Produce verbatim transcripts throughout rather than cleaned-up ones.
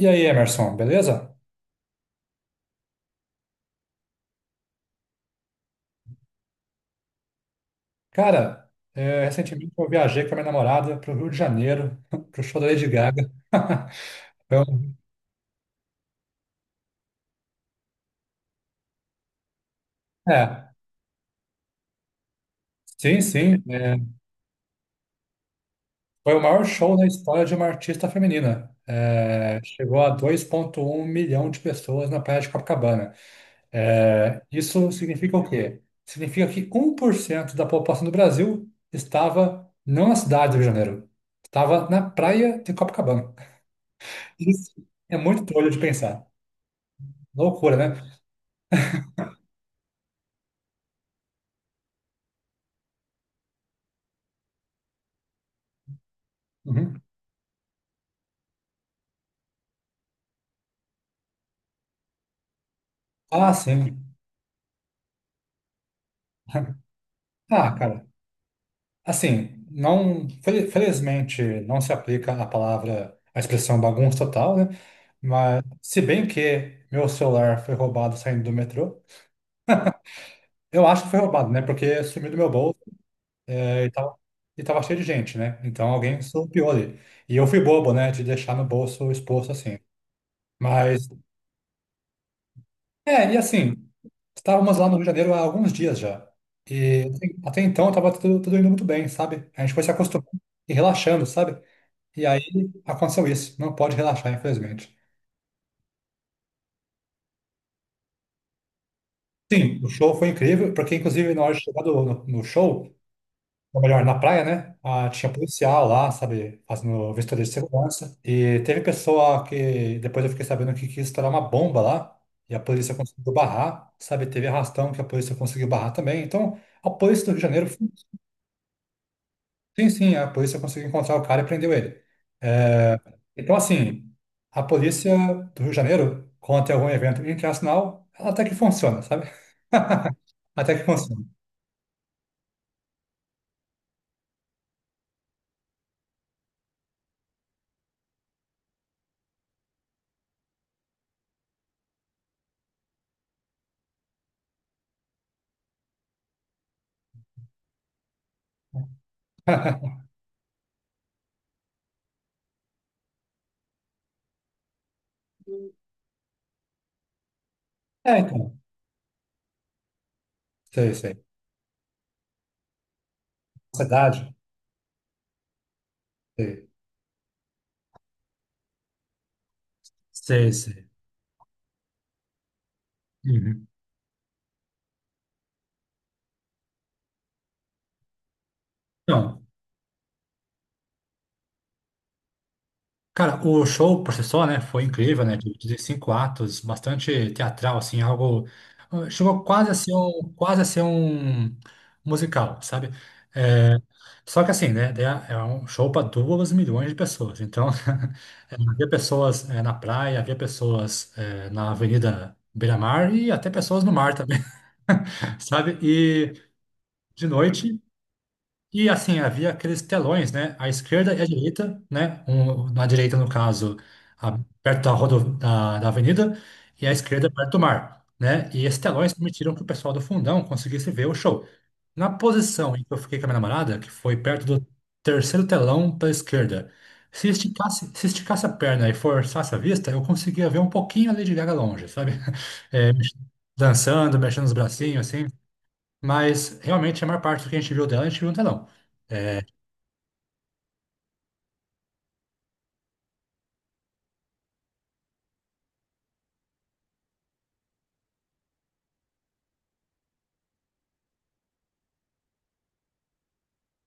E aí, Emerson, beleza? Cara, é, recentemente eu viajei com a minha namorada para o Rio de Janeiro, para o show da Lady Gaga. Foi um- É, sim, sim. É, foi o maior show da história de uma artista feminina. É, chegou a dois vírgula um milhão de pessoas na Praia de Copacabana. É, isso significa o quê? Significa que um por cento da população do Brasil estava não na cidade do Rio de Janeiro, estava na praia de Copacabana. Isso é muito trolho de pensar. Loucura, né? Uhum. Ah, sim. Ah, cara, assim, não, fel- felizmente não se aplica a palavra, a expressão bagunça total, né? Mas, se bem que meu celular foi roubado saindo do metrô, eu acho que foi roubado, né? Porque sumiu do meu bolso, né? E tava, e tava cheio de gente, né? Então alguém surrupiou ali. E eu fui bobo, né? De deixar no bolso exposto assim. Mas É, e assim, estávamos lá no Rio de Janeiro há alguns dias já. E assim, até então estava tudo, tudo indo muito bem, sabe? A gente foi se acostumando e relaxando, sabe? E aí aconteceu isso. Não pode relaxar, infelizmente. Sim, o show foi incrível, porque inclusive na hora de chegar do- no, no show, ou melhor, na praia, né? Ah, tinha policial lá, sabe? Fazendo vistoria de segurança. E teve pessoa que depois eu fiquei sabendo que quis estourar uma bomba lá. E a polícia conseguiu barrar, sabe? Teve arrastão que a polícia conseguiu barrar também. Então, a polícia do Rio de Janeiro. Sim, sim, a polícia conseguiu encontrar o cara e prendeu ele. É, então, assim, a polícia do Rio de Janeiro, quando tem algum evento internacional, ela até que funciona, sabe? Até que funciona. É, então, sei, sei. Sociedade, sei, sei, sei. Uhum. Então, cara, o show por si só, né, foi incrível, né? De cinco atos, bastante teatral, assim, algo. eh, Chegou quase a ser um, quase a ser um musical, sabe? Só que assim, né? Daí, É é um show para duas milhões de pessoas. Então, é, havia pessoas é, na praia, havia pessoas é, na Avenida Beira-Mar e até pessoas no mar também, sabe? E de noite e assim, havia aqueles telões, né? À esquerda e à direita, né? Um, na direita, no caso, a- perto da, rodo, da, da avenida, e à esquerda, perto do mar, né? E esses telões permitiram que o pessoal do fundão conseguisse ver o show. Na posição em que eu fiquei com a minha namorada, que foi perto do terceiro telão pela esquerda, se esticasse, se esticasse a perna e forçasse a vista, eu conseguia ver um pouquinho a Lady Gaga longe, sabe? É, mex- dançando, mexendo os bracinhos, assim. Mas realmente a maior parte do que a gente viu dela, a gente viu no telão. É.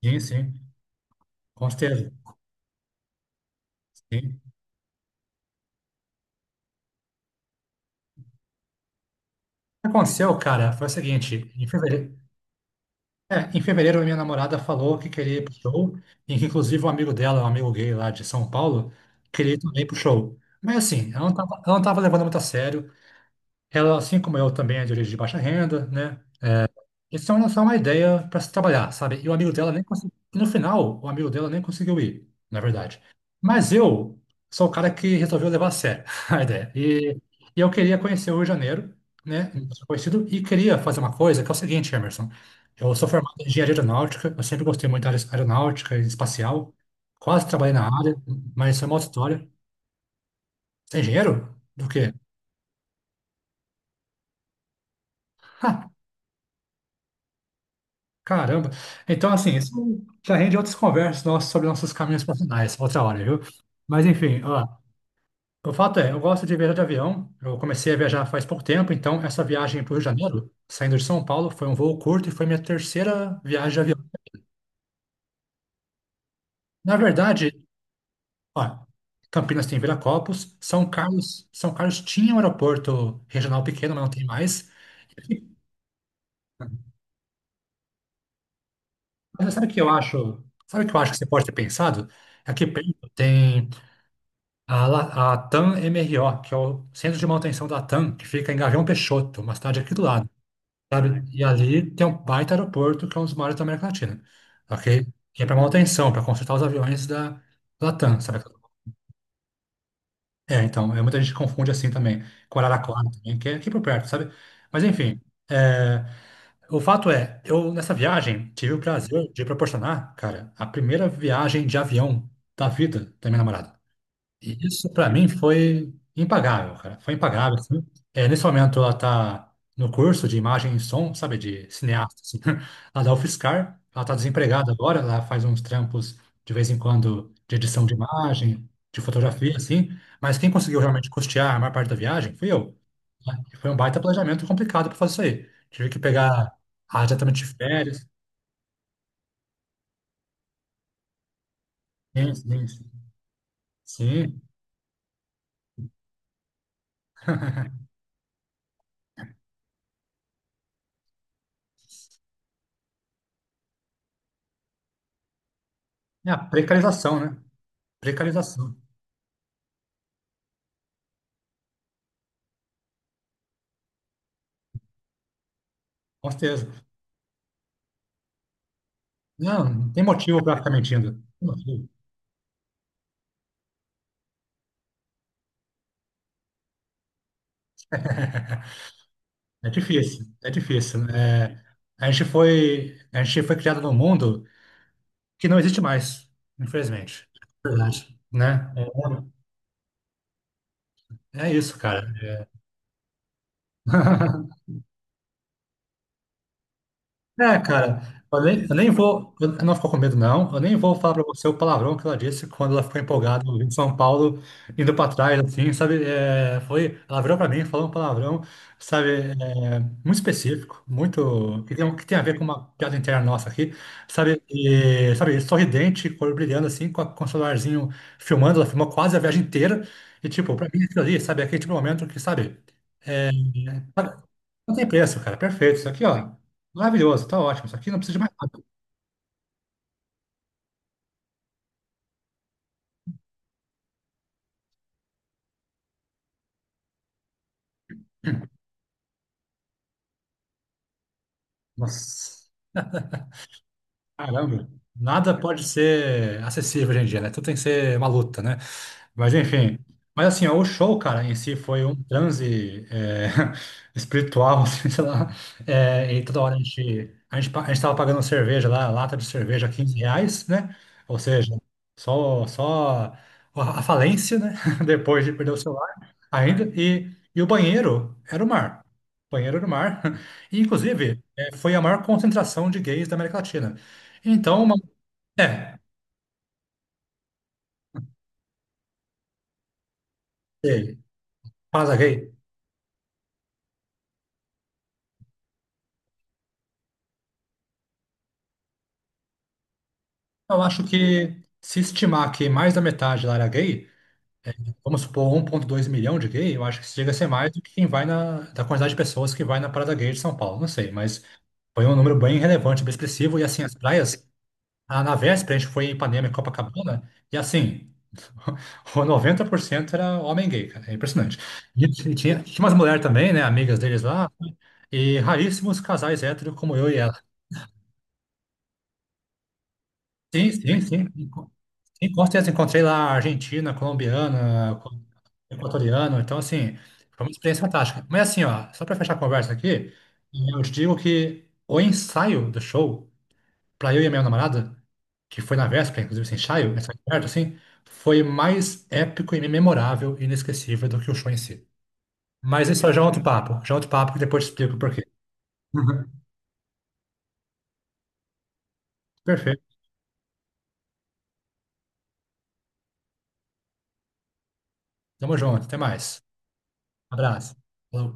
Sim, sim, com certeza. Sim. O que aconteceu, cara, foi o seguinte, em fevereiro, é, em fevereiro a minha namorada falou que queria ir pro show, e que inclusive um amigo dela, um amigo gay lá de São Paulo, queria ir também pro show. Mas assim, ela não tava, ela não tava levando muito a sério. Ela, assim como eu, também é de origem de baixa renda, né? Isso é uma uma ideia para se trabalhar, sabe? E o amigo dela nem conseguiu. E no final, o amigo dela nem conseguiu ir, na verdade. Mas eu sou o cara que resolveu levar a sério a ideia. E, e eu queria conhecer o Rio de Janeiro, né? Eu sou conhecido, e queria fazer uma coisa que é o seguinte, Emerson. Eu sou formado em engenharia aeronáutica, eu sempre gostei muito da área aeronáutica e espacial. Quase trabalhei na área, mas isso é uma outra história. Você é engenheiro? Do quê? Caramba. Então, assim, isso já rende outras conversas nossas sobre nossos caminhos profissionais, outra hora, viu? Mas, enfim, ó, o fato é, eu gosto de viajar de avião. Eu comecei a viajar faz pouco tempo, então essa viagem para o Rio de Janeiro, saindo de São Paulo, foi um voo curto e foi minha terceira viagem de avião. Na verdade, ó, Campinas tem Viracopos, São Carlos, São Carlos tinha um aeroporto regional pequeno, mas não tem mais. Mas sabe o que eu acho? Sabe o que eu acho que você pode ter pensado? Aqui perto tem. A, La- a TAM-M R O, que é o Centro de Manutenção da TAM, que fica em Gavião Peixoto, uma cidade aqui do lado, sabe? E ali tem um baita aeroporto, que é um dos maiores da América Latina, ok? Que é para manutenção, para consertar os aviões da, da TAM, sabe? É, então, é, muita gente confunde assim também, com Araraquara também, que é aqui por perto, sabe? Mas enfim, é, o fato é, eu nessa viagem tive o prazer de proporcionar, cara, a primeira viagem de avião da vida da minha namorada. E isso para mim foi impagável, cara. Foi impagável, assim. É, nesse momento ela tá no curso de imagem e som, sabe, de cineasta, assim. Ela dá UFSCar, ela tá desempregada agora, ela faz uns trampos de vez em quando de edição de imagem, de fotografia, assim. Mas quem conseguiu realmente custear a maior parte da viagem fui eu. Né? E foi um baita planejamento complicado para fazer isso aí. Tive que pegar ah, exatamente de férias. Sim, sim, sim. Sim. É a precarização, né? Precarização, com certeza. Não, não tem motivo para ficar mentindo. Não tem motivo. É difícil, é difícil. É, a gente foi, a gente foi criado num mundo que não existe mais, infelizmente. Verdade. Né? É, é isso, cara. É, cara, eu nem, eu nem vou. Eu não ficou com medo, não. Eu nem vou falar pra você o palavrão que ela disse quando ela ficou empolgada em São Paulo, indo pra trás, assim, sabe? É, foi. Ela virou pra mim, falou um palavrão, sabe? É, muito específico, muito. Que tem, um, que tem a ver com uma piada interna nossa aqui, sabe? E, sabe, sorridente, cor brilhando, assim, com, a, com o celularzinho filmando. Ela filmou quase a viagem inteira. E, tipo, pra mim, aquilo ali, sabe? Aquele tipo de momento que, sabe? Cara, não tem preço, cara. Perfeito. Isso aqui, ó. Maravilhoso. Tá ótimo. Isso aqui não precisa de mais nada. Nossa, caramba. Nada pode ser acessível hoje em dia, né? Tudo tem que ser uma luta, né? Mas enfim, mas assim, ó, o show, cara, em si foi um transe é, espiritual, assim, sei lá. É, e toda hora a gente, a gente, pa- a gente tava pagando cerveja lá, lata de cerveja, quinze reais, né? Ou seja, só, só a falência, né? Depois de perder o celular ainda. E, e o banheiro era o mar. O banheiro era o mar. E, inclusive, é, foi a maior concentração de gays da América Latina. Então, uma, é, é, casa gay. Eu acho que se estimar que mais da metade lá era gay, vamos supor um ponto dois milhão de gay, eu acho que isso chega a ser mais do que quem vai na, da quantidade de pessoas que vai na Parada Gay de São Paulo, não sei, mas foi um número bem relevante, bem expressivo, e assim, as praias, ah, na véspera a gente foi em Ipanema e Copacabana, e assim, o noventa por cento era homem gay, cara, é impressionante. E t- tinha, tinha umas mulheres também, né, amigas deles lá, e raríssimos casais héteros como eu e ela. Sim, sim, sim. Sim, com certeza, encontrei lá argentina, colombiana, co- equatoriano, então, assim, foi uma experiência fantástica. Mas, assim, ó, só para fechar a conversa aqui, eu te digo que o ensaio do show, para eu e a minha namorada, que foi na véspera, inclusive, esse ensaio, ensaio perto, assim, foi mais épico e memorável e inesquecível do que o show em si. Mas isso é já é outro papo, já é outro papo que depois te explico por quê. Uhum. Perfeito, tamo junto, até mais. Abraço. Falou.